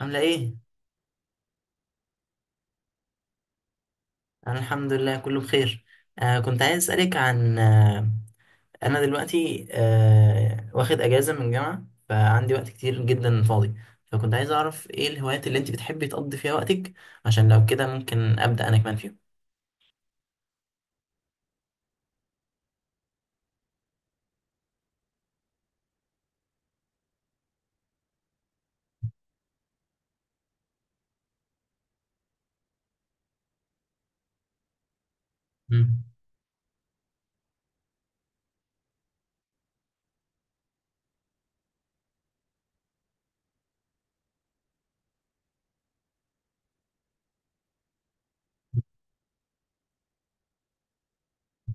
عاملة ايه؟ أنا الحمد لله كله بخير. كنت عايز أسألك عن أنا دلوقتي واخد أجازة من الجامعة، فعندي وقت كتير جدا فاضي. فكنت عايز أعرف ايه الهوايات اللي انت بتحبي تقضي فيها وقتك، عشان لو كده ممكن أبدأ أنا كمان فيهم. مم.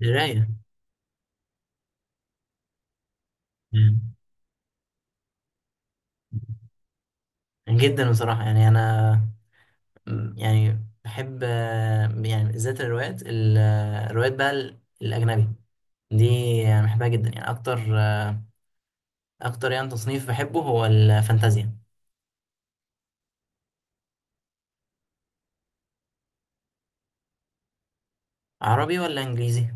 قراية. مم. جدا بصراحة، يعني أنا يعني بحب يعني بالذات الروايات الروايات بقى الأجنبي دي. يعني بحبها جدا، يعني أكتر أكتر يعني تصنيف بحبه هو الفانتازيا. عربي ولا انجليزي؟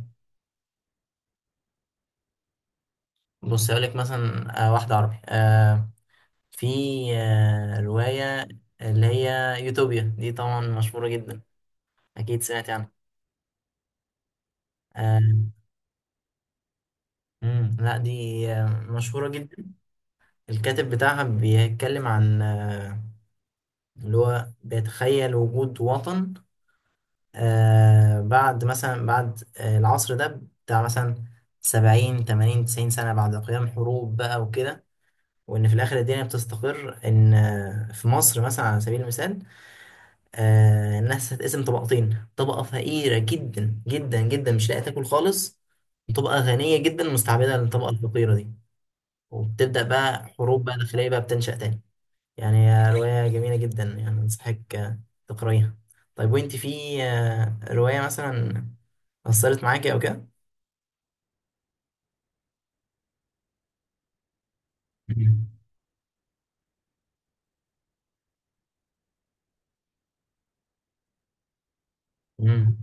بص اقول لك مثلا، واحده عربي. في روايه اللي هي يوتوبيا، دي طبعا مشهوره جدا، اكيد سمعت عنها. آه لا، دي مشهوره جدا. الكاتب بتاعها بيتكلم عن اللي هو بيتخيل وجود وطن بعد مثلا، بعد العصر ده بتاع مثلا 70 80 90 سنة بعد قيام حروب بقى وكده. وان في الاخر الدنيا بتستقر ان في مصر مثلا على سبيل المثال، الناس هتقسم طبقتين، طبقه فقيره جدا جدا جدا مش لاقيه تاكل خالص، وطبقه غنيه جدا مستعبده للطبقه الفقيره دي. وبتبدا بقى حروب بقى داخليه بقى بتنشا تاني. يعني هي روايه جميله جدا، يعني انصحك تقريها. طيب وانت في روايه مثلا اثرت معاكي او كده؟ مم. مم.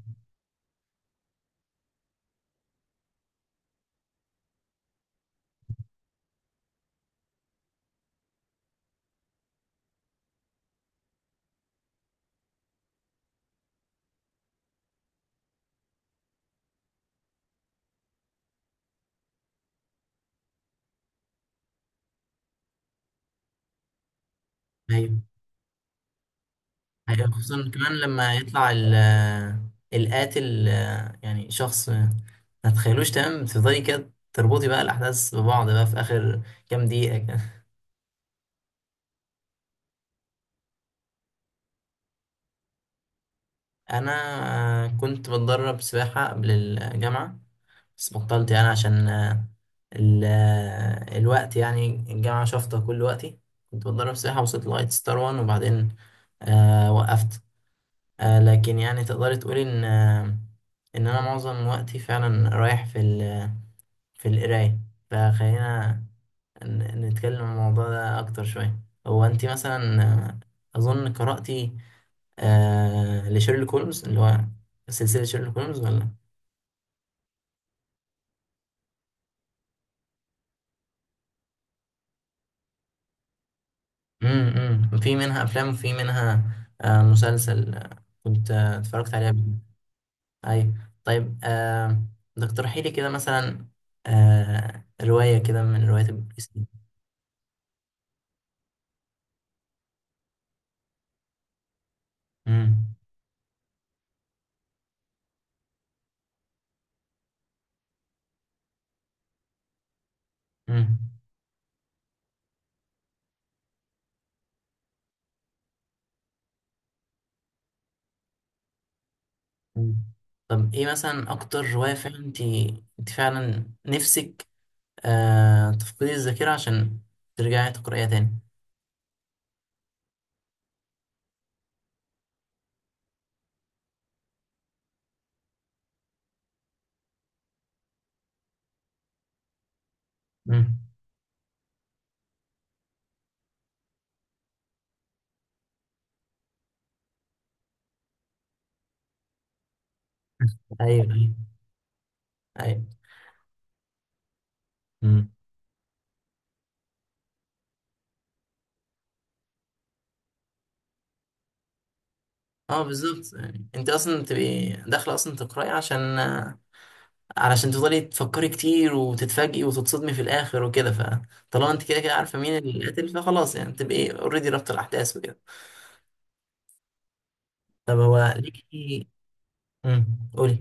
ايوه. أيوة، خصوصا كمان لما يطلع القاتل يعني شخص ما تتخيلوش، تمام، تفضلي كده تربطي بقى الأحداث ببعض بقى في آخر كام دقيقة كده. أنا كنت بتدرب سباحة قبل الجامعة، بس بطلت يعني عشان الوقت يعني، الجامعة شافطة كل وقتي. كنت بتدرب سباحة وصلت لغاية ستار وان وبعدين وقفت. لكن يعني تقدري تقولي إن إن أنا معظم وقتي فعلا رايح في القراية. فخلينا نتكلم عن الموضوع ده أكتر شوية. هو أنت مثلا أظن قرأتي لشيرلوك هولمز، اللي هو سلسلة شيرلوك هولمز، ولا؟ في منها أفلام وفي منها مسلسل، كنت اتفرجت عليها قبل كده. أيوة. طيب تقترحي لي كده مثلا رواية كده من روايات البوليس دي. امم. امم. طب ايه مثلا اكتر رواية فعلا انت فعلا نفسك تفقد الذاكرة عشان ترجعي تقرأيها تاني؟ مم. أيوه، أيوه، أيوه. امم اه، بالظبط، يعني انت اصلا بتبقي داخله اصلا تقراي عشان علشان تفضلي تفكري كتير وتتفاجئي وتتصدمي في الاخر وكده. فطالما انت كده كده عارفه مين اللي قاتل، فخلاص يعني تبقي اوريدي رابطه الاحداث وكده. طب هو ليكي قولي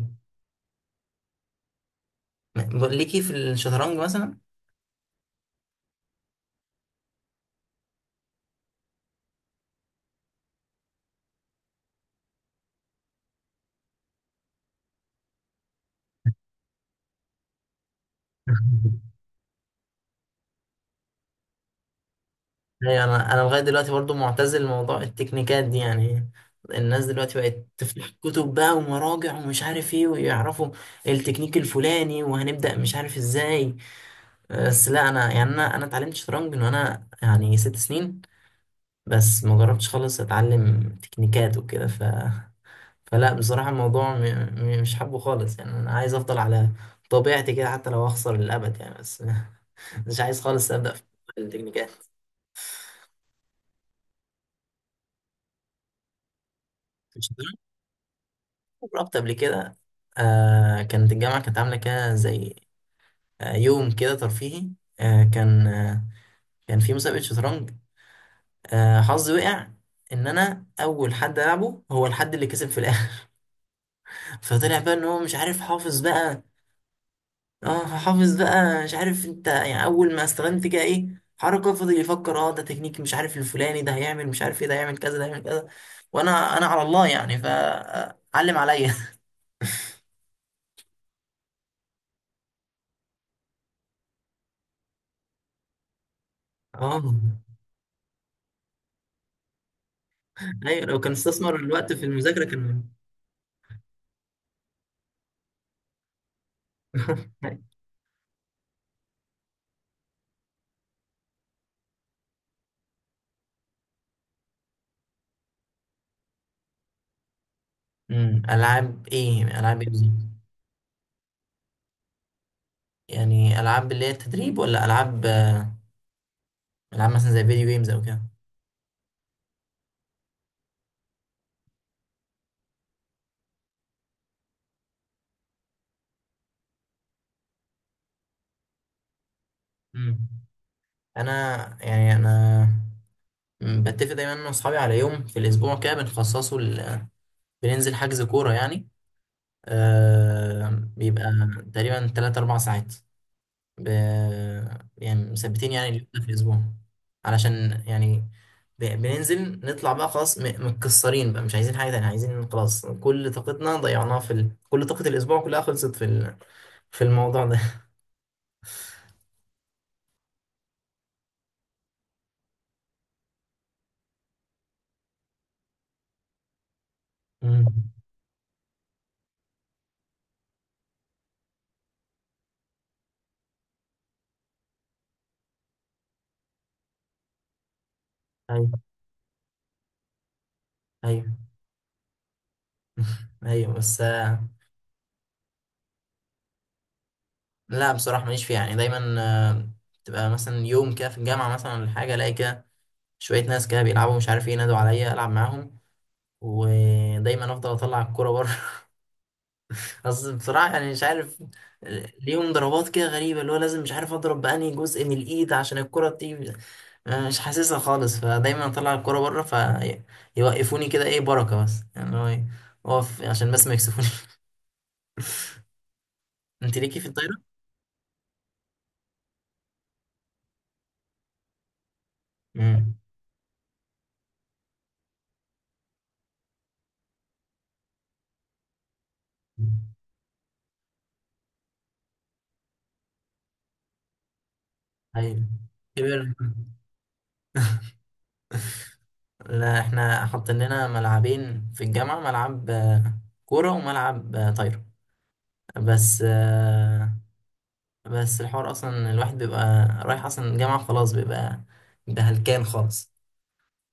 ليكي في الشطرنج مثلا؟ ايوه، انا لغايه دلوقتي برضو معتزل لموضوع التكنيكات دي. يعني الناس دلوقتي بقت تفتح كتب بقى ومراجع ومش عارف ايه، ويعرفوا التكنيك الفلاني، وهنبدا مش عارف ازاي. بس لا انا يعني انا اتعلمت شطرنج من وانا يعني 6 سنين، بس ما جربتش خالص اتعلم تكنيكات وكده. فلا بصراحه الموضوع مش حابه خالص، يعني انا عايز افضل على طبيعتي كده، حتى لو اخسر للابد، يعني بس مش عايز خالص ابدا في التكنيكات. رحت قبل كده، كانت الجامعة كانت عاملة كده زي يوم كده ترفيهي. كان كان في مسابقة شطرنج. حظي وقع إن أنا أول حد ألعبه هو الحد اللي كسب في الآخر. فطلع بقى إن هو مش عارف، حافظ بقى. اه، حافظ بقى، مش عارف انت، يعني أول ما استخدمت كده إيه حركة فضل يفكر، اه ده تكنيك مش عارف الفلاني، ده هيعمل مش عارف ايه، ده هيعمل كذا، ده هيعمل كذا. وأنا على الله يعني، فعلم عليا. اه. ايوه لو كان استثمر الوقت في المذاكرة كان. العاب ايه، العاب ايه بالظبط؟ يعني العاب اللي هي التدريب ولا العاب؟ العاب مثلا زي فيديو جيمز او كده؟ أمم. انا يعني انا بتفق دايما انا واصحابي على يوم في الاسبوع كده بنخصصه بننزل حجز كورة يعني. آه بيبقى تقريبا 3 4 ساعات، ب... يعني مثبتين، يعني اه اليوم ده في الأسبوع علشان يعني بننزل نطلع بقى خلاص متكسرين بقى، مش عايزين حاجة تانية، عايزين خلاص، كل طاقتنا ضيعناها في كل طاقة الأسبوع كلها خلصت في في الموضوع ده. مم. أيوه، أيوه. أيوه بس لا بصراحة ماليش فيها، يعني دايما آه، تبقى مثلا يوم كده في الجامعة مثلا ولا حاجة، ألاقي كده شوية ناس كده بيلعبوا مش عارف ايه، نادوا عليا ألعب معاهم، ودايما أفضل أطلع الكورة بره. اصل بصراحة يعني مش عارف ليهم ضربات كده غريبة اللي هو لازم مش عارف اضرب بأنهي جزء من الايد عشان الكرة تيجي. أنا مش حاسسها خالص، فدايما اطلع الكرة بره، فيوقفوني كده ايه بركة، بس يعني هو إيه، اقف عشان بس ما يكسفوني. انت ليكي في الطايرة؟ امم ايوه، كبير. لا احنا حاطين لنا ملعبين في الجامعة، ملعب كورة وملعب طايرة، بس بس الحوار اصلا الواحد بيبقى رايح اصلا الجامعة خلاص، بيبقى ده هلكان خالص.